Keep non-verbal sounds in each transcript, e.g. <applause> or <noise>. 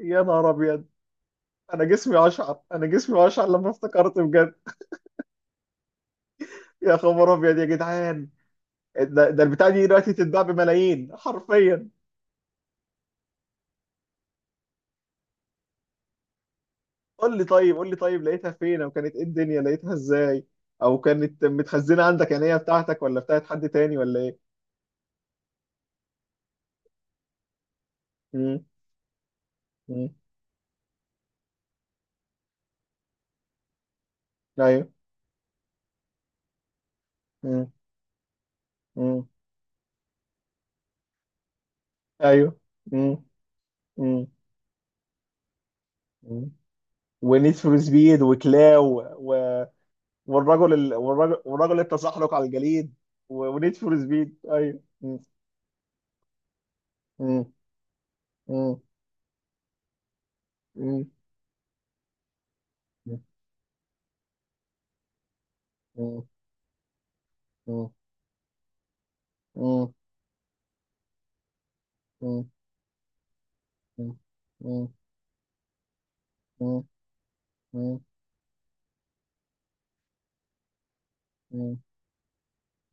يا نهار ابيض. انا جسمي اشعر لما افتكرت بجد. يا خبر ابيض يا جدعان! ده البتاع دي دلوقتي تتباع بملايين حرفيا. قول لي طيب لقيتها فين، او كانت ايه الدنيا، لقيتها ازاي؟ او كانت متخزنه عندك؟ يعني هي بتاعتك ولا بتاعت حد تاني ولا ايه؟ امم. امم. ايوه. امم. امم. ايوه. امم. امم. ونيد فور سبيد وكلاو والرجل ال... والرجل والرجل التزحلق على الجليد. ونيد فور سبيد، ايوه. مم. مم. مم. مم. مم. مم. مم. مم. مم. مم. مم.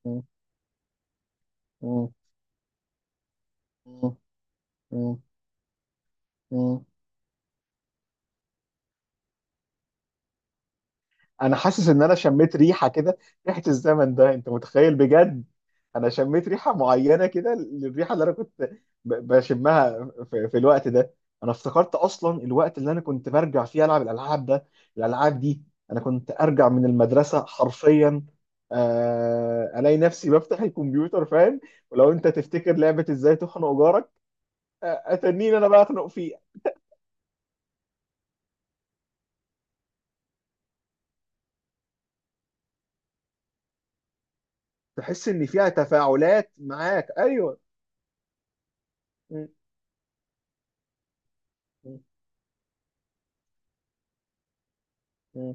مم. مم. مم. مم. مم. انا حاسس ان انا شميت ريحه كده، ريحه الزمن ده، انت متخيل بجد؟ انا شميت ريحه معينه كده للريحه اللي انا كنت بشمها في الوقت ده. انا افتكرت اصلا الوقت اللي انا كنت برجع فيه العب الالعاب ده الالعاب دي انا كنت ارجع من المدرسه حرفيا، آه، الاقي نفسي بفتح الكمبيوتر، فاهم؟ ولو انت تفتكر لعبه ازاي تخنق جارك، آه، اتنين انا بقى اخنق فيه. تحس ان فيها تفاعلات معاك؟ ايوه. م- م- م-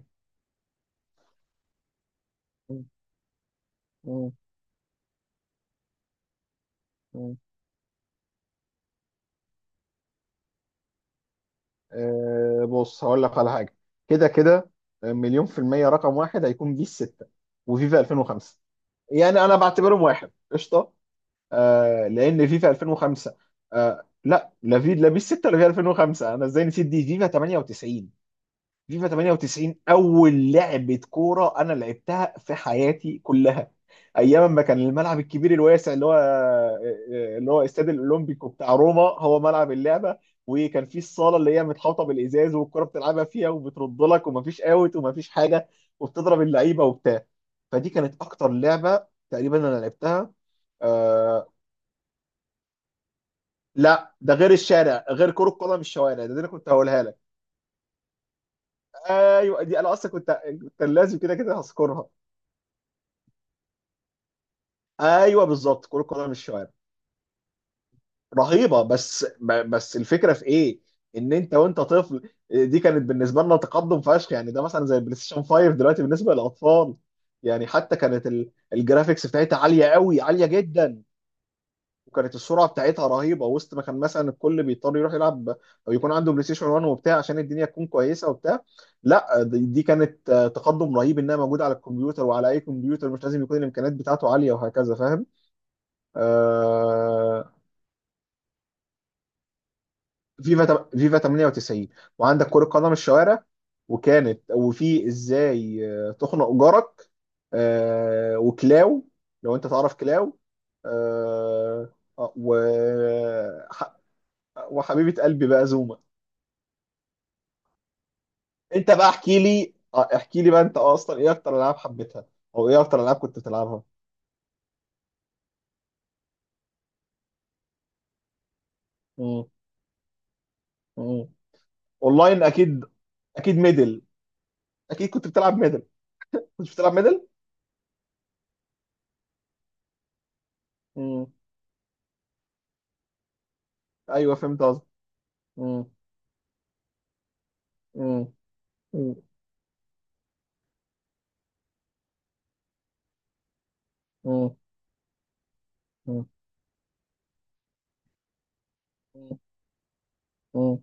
م- مم. آه، بص هقول لك على حاجه. كده كده، آه، مليون في المية، رقم واحد هيكون بيس 6 وفيفا 2005، يعني انا بعتبرهم واحد قشطه. آه لان فيفا 2005... آه، لا، لا في لا بيس 6 ولا فيفا 2005. انا ازاي نسيت؟ دي فيفا 98. فيفا 98 اول لعبه كوره انا لعبتها في حياتي كلها. ايام ما كان الملعب الكبير الواسع اللي هو آه، آه، اللي هو استاد الاولمبيكو بتاع روما هو ملعب اللعبه. وكان في الصاله اللي هي متحوطه بالازاز والكره بتلعبها فيها وبترد لك، ومفيش اوت ومفيش حاجه، وبتضرب اللعيبه وبتاع. فدي كانت اكتر لعبه تقريبا انا لعبتها. آه، لا، ده غير الشارع، غير كرة قدم الشوارع. ده, ده انا كنت هقولها لك. ايوه دي انا اصلا كنت لازم كده كده هسكرها. ايوه بالظبط، كرة قدم الشوارع. رهيبة. بس الفكرة في ايه؟ ان انت وانت طفل دي كانت بالنسبة لنا تقدم فشخ، يعني ده مثلا زي البلاي ستيشن 5 دلوقتي بالنسبة للاطفال. يعني حتى كانت الجرافيكس بتاعتها عالية قوي، عالية جدا. وكانت السرعة بتاعتها رهيبة، وسط ما كان مثلا الكل بيضطر يروح يلعب او يكون عنده بلاي ستيشن 1 وبتاع عشان الدنيا تكون كويسة وبتاع. لا، دي كانت، آه، تقدم رهيب، انها موجودة على الكمبيوتر وعلى اي كمبيوتر، مش لازم يكون الامكانيات بتاعته عالية، وهكذا، فاهم؟ آه، فيفا 98. وعندك كرة قدم الشوارع. وكانت، وفي ازاي، آه، تخنق جارك. آه، وكلاو. لو انت تعرف كلاو. آه، آه، و ح- وحبيبة قلبي بقى زوما. انت بقى احكي لي، آه، احكي لي بقى انت اصلا ايه اكتر العاب حبيتها؟ او ايه اكتر العاب كنت بتلعبها؟ مم. مم. اونلاين اكيد. اكيد ميدل. اكيد كنت بتلعب ميدل. مم. ايوه فهمت قصدك. مم. مم. مم. مم. مم. مم.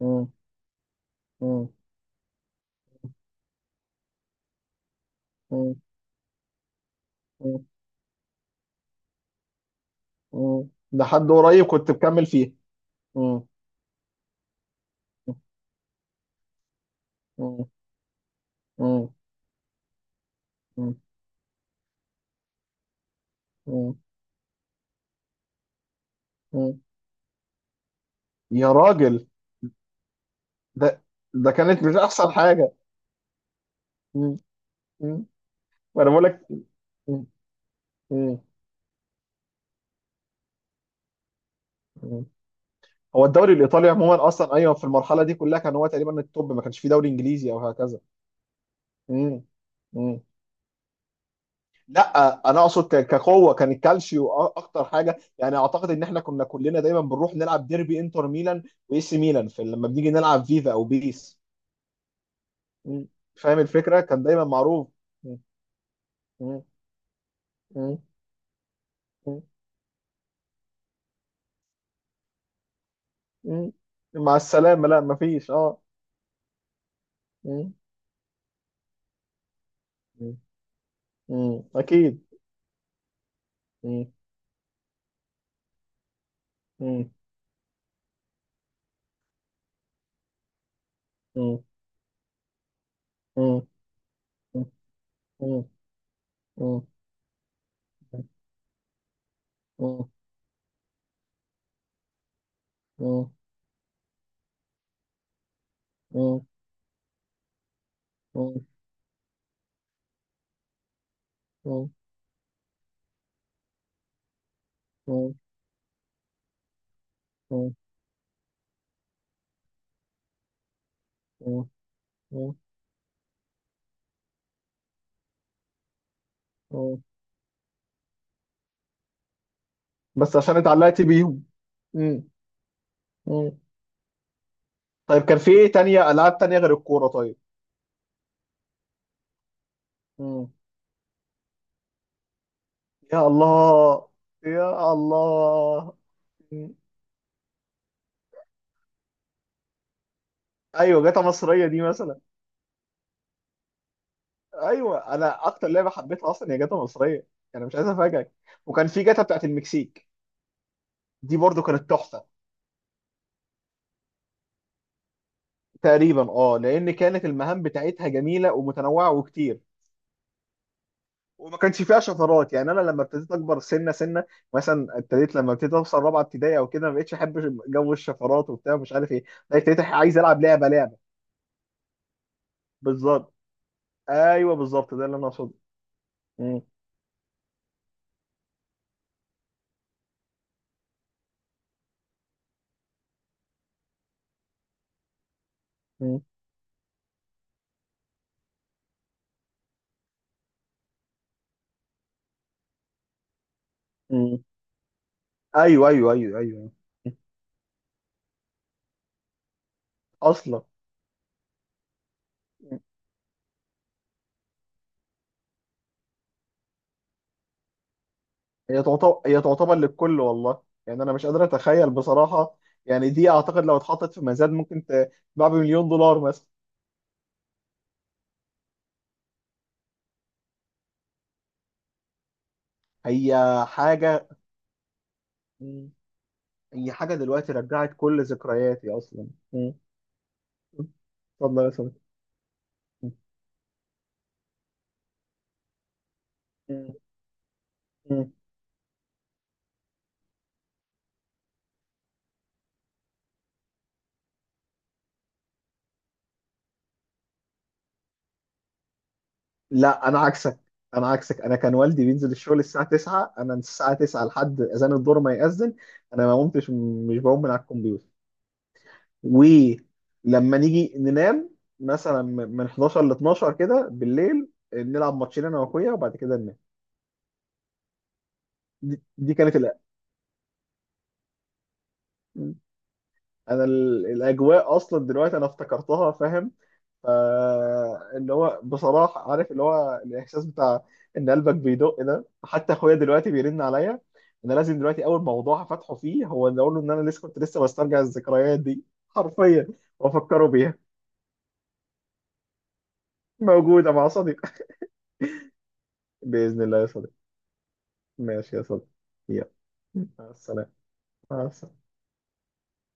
مم. مم. مم. مم. لحد قريب كنت بكمل فيه. مم. مم. مم. مم. مم. مم. يا راجل! ده ده كانت مش احسن حاجه؟ مم. مم. وانا بقول لك. مم. مم. مم. هو الدوري الايطالي عموما اصلا، ايوه، في المرحله دي كلها كان هو تقريبا التوب، ما كانش فيه دوري انجليزي او هكذا. مم. مم. لا، انا اقصد كقوه كان الكالشيو اكتر حاجه، يعني اعتقد ان احنا كنا كلنا دايما بنروح نلعب ديربي انتر ميلان واي سي ميلان، في لما بنيجي نلعب فيفا او بيس. م. فاهم الفكره، كان دايما معروف. م. م. م. م. م. مع السلامه، لا مفيش، اه. م. م. م. اكيد. م. م. م. م. م. م. م. م. م. م. م. م. م. م. م. م. بس عشان اتعلقت بيهم. مم. مم. طيب كان في ايه تانية، العاب تانية غير الكورة؟ طيب. مم. يا الله! يا الله! مم. ايوه، جاتا مصرية دي مثلا. ايوه انا اكتر لعبة حبيتها اصلا هي جاتا مصرية، يعني مش عايز افاجئك. وكان في جاتا بتاعت المكسيك، دي برضو كانت تحفة. تقريبا اه، لان كانت المهام بتاعتها جميلة ومتنوعة وكتير، وما كانش فيها شفرات. يعني انا لما ابتديت اكبر سنه سنه، مثلا ابتديت، لما ابتديت اوصل رابعه ابتدائي او كده، ما بقتش احب جو الشفرات وبتاع، مش عارف ايه. لا، ابتديت، عايز العب لعبه لعبه. بالظبط. ايوه بالظبط، ده اللي انا اقصده. مم. مم. مم. ايوه ايوه ايوه ايوه. اصلا هي تعتبر للكل، والله، يعني انا مش قادر اتخيل بصراحه. يعني دي اعتقد لو اتحطت في ميزان ممكن تباع بمليون دولار مثلا. هي حاجه. مم. هي حاجه دلوقتي رجعت كل ذكرياتي اصلا. اتفضل يا صديقي. مم. مم. لا، انا عكسك، انا كان والدي بينزل الشغل الساعه 9، انا من الساعه 9 لحد اذان الظهر، ما يأذن انا ما قمتش، مش بقوم من على الكمبيوتر. ولما نيجي ننام مثلا من 11 ل 12 كده بالليل، نلعب ماتشين انا واخويا وبعد كده ننام. دي كانت الأ... انا الاجواء اصلا دلوقتي انا افتكرتها، فاهم؟ فاللي هو بصراحة عارف، اللي هو الإحساس بتاع إن قلبك بيدق ده، حتى أخويا دلوقتي بيرن عليا. أنا لازم دلوقتي أول موضوع هفتحه فيه هو إن أقول له إن أنا لسه كنت بسترجع الذكريات دي حرفيا، وأفكره بيها. موجودة مع صديق <laughs> بإذن الله يا صديق. ماشي يا صديق. يلا. مع السلامة. مع السلامة.